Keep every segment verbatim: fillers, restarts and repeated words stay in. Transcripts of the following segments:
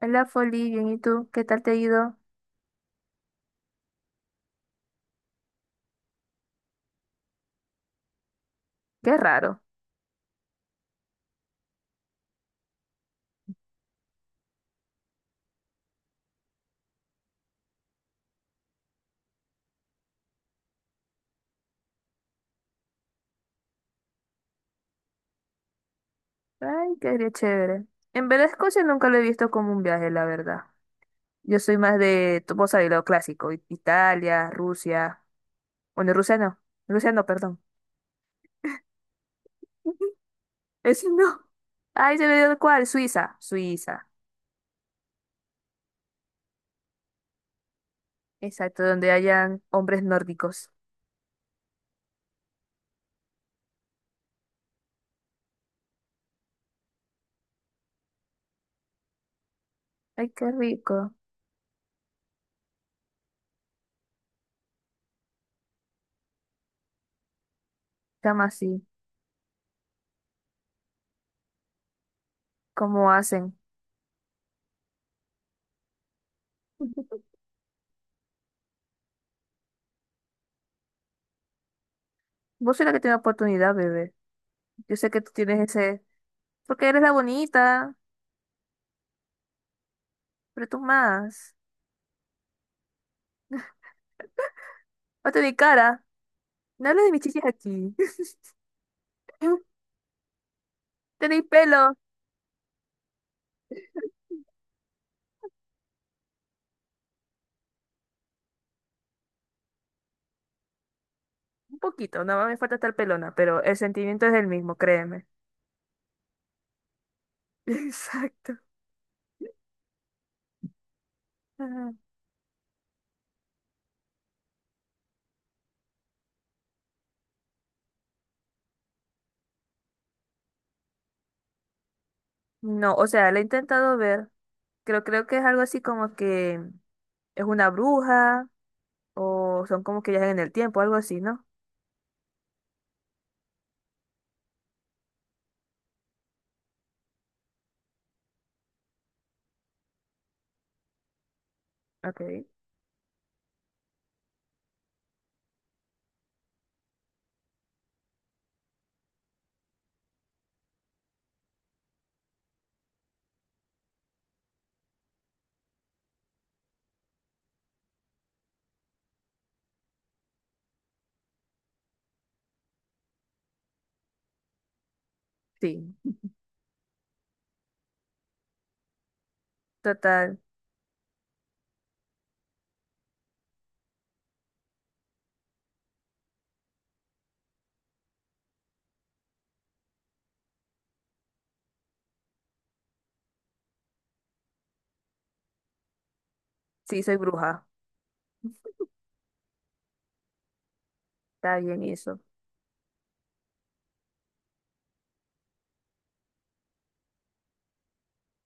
Hola, Foli, bien, ¿y tú? ¿Qué tal te ha ido? Qué raro. Ay, qué chévere. En verdad, Escocia nunca lo he visto como un viaje, la verdad. Yo soy más de, tú- vos sabés, lo clásico, I- Italia, Rusia. Bueno, Rusia no. Rusia no, perdón. Ese no. Ay, se me dio el cual, Suiza. Suiza. Exacto, donde hayan hombres nórdicos. Ay, qué rico. Llama así. ¿Cómo hacen? Vos sois la que tiene oportunidad, bebé. Yo sé que tú tienes ese, porque eres la bonita, pero tú más. O mi cara. No hables de mis chichis aquí. Tenéis pelo. Un poquito, nada más me falta estar pelona, pero el sentimiento es el mismo, créeme. Exacto. Ah. No, o sea, la he intentado ver. Creo, creo que es algo así como que es una bruja o son como que viajan en el tiempo, algo así, ¿no? Ok. Sí, total. Sí, soy bruja. Está bien eso.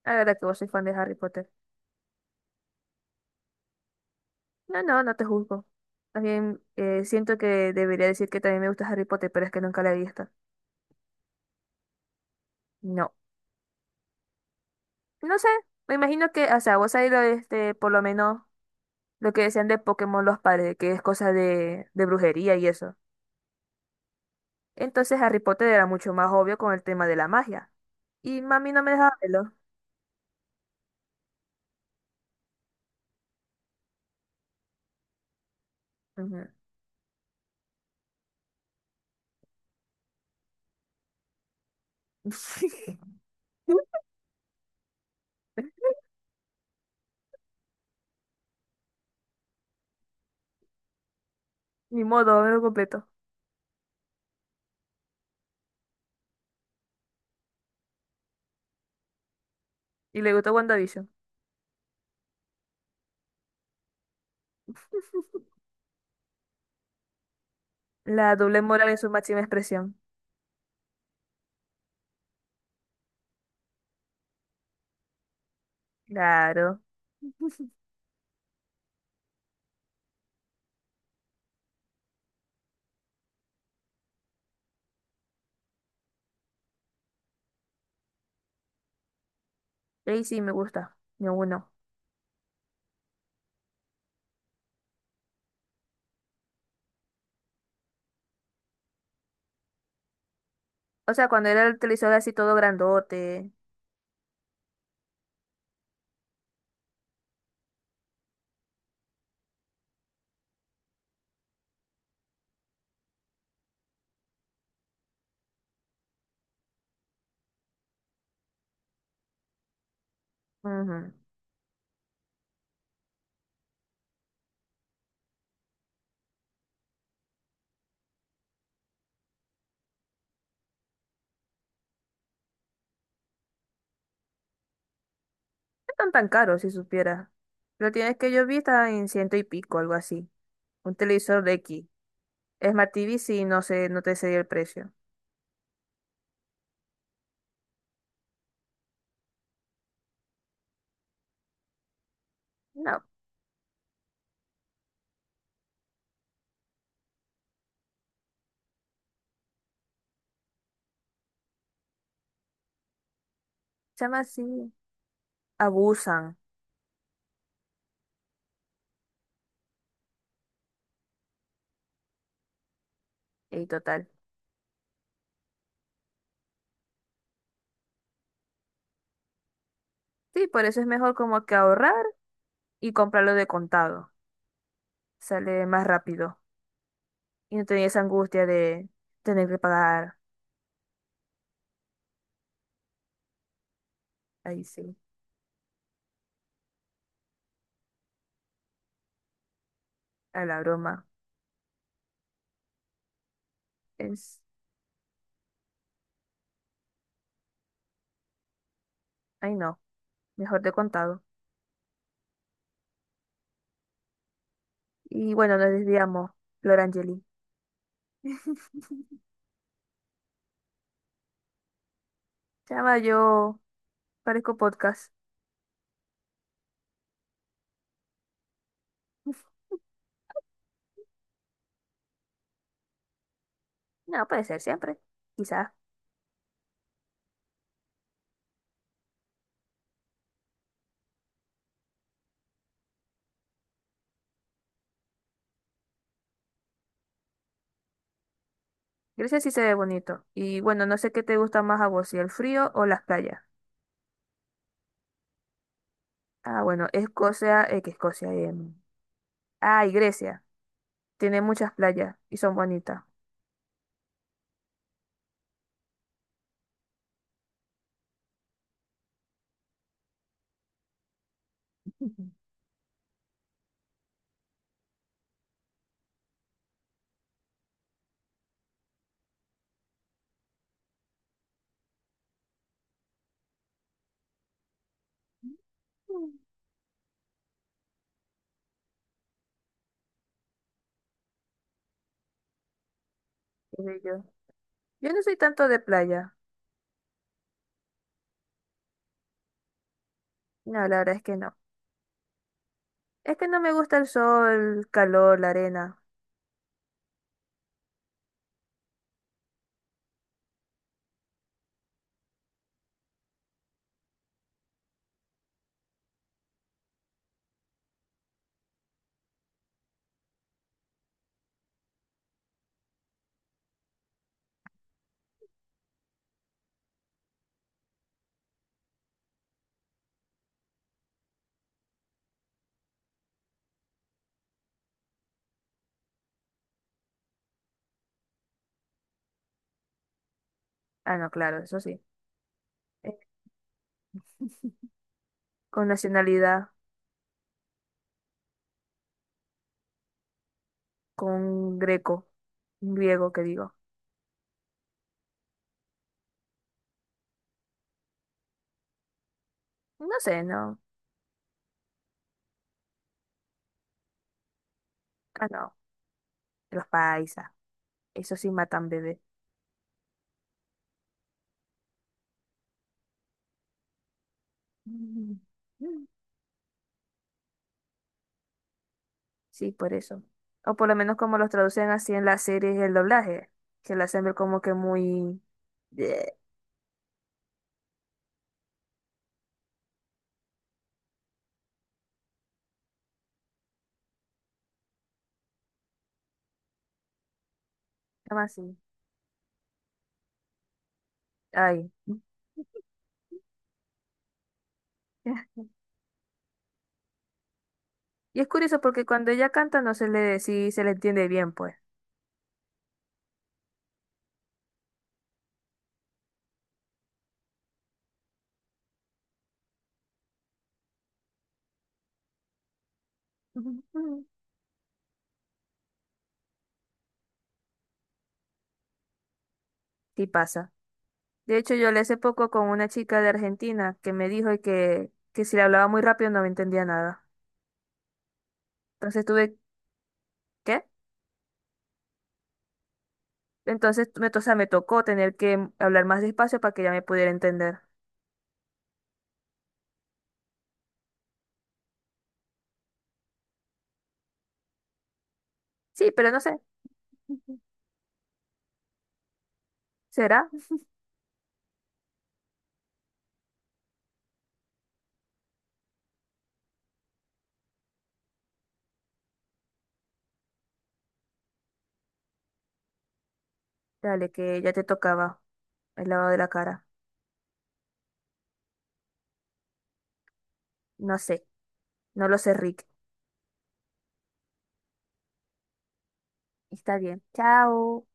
La verdad que vos soy fan de Harry Potter. No, no, no te juzgo. También eh, siento que debería decir que también me gusta Harry Potter, pero es que nunca la he visto. No, no sé. Me imagino que, o sea, vos ahí lo, este, por lo menos lo que decían de Pokémon los padres, que es cosa de, de brujería y eso. Entonces Harry Potter era mucho más obvio con el tema de la magia. Y mami no me dejaba verlo. Ujú. Ni modo, me lo completo. Y le gustó WandaVision. La doble moral en su máxima expresión. Claro. Y sí me gusta. Ni uno. O sea, cuando era el televisor así todo grandote. Ujú. No están tan caros, si supiera. Lo tienes que yo vi estaba en ciento y pico, algo así. Un televisor de X. Smart T V sí, no sé, no te sé el precio. No, chama, llama así. Abusan. Y total. Sí, por eso es mejor como que ahorrar y comprarlo de contado. Sale más rápido. Y no tenía esa angustia de tener que pagar. Ahí sí, a la broma. Es, ay no, mejor de contado. Y bueno, nos desviamos, Flor Angeli. Chama, yo parezco podcast. No, puede ser siempre. Quizás. Grecia sí se ve bonito. Y bueno, no sé qué te gusta más a vos, si el frío o las playas. Ah, bueno, Escocia, eh, que Escocia. em, Ah, y Grecia. Tiene muchas playas y son bonitas. Ujú. Mm, qué bello. Yo no soy tanto de playa. No, la verdad es que no. Es que no me gusta el sol, el calor, la arena. Ah, no, claro, eso sí. Eh, Con nacionalidad, con greco, griego que digo. No sé, no. Ah, no, los paisas. Eso sí matan bebé. Mm. Sí, por eso. O por lo menos como los traducen así en las series el doblaje, que lo hacen ver como que muy... Bleh, ¿cómo así? Ay. Y es curioso porque cuando ella canta no se le, sí se le entiende bien, pues. Ujú. Sí pasa. De hecho, yo le hace poco con una chica de Argentina que me dijo que, que si le hablaba muy rápido no me entendía nada. Entonces tuve... ¿Qué? Entonces, me, to- o sea, me tocó tener que hablar más despacio para que ella me pudiera entender. Sí, pero no sé. Ujú. ¿Será? Dale, que ya te tocaba el lavado de la cara. No sé. No lo sé, Rick. Está bien. Chao.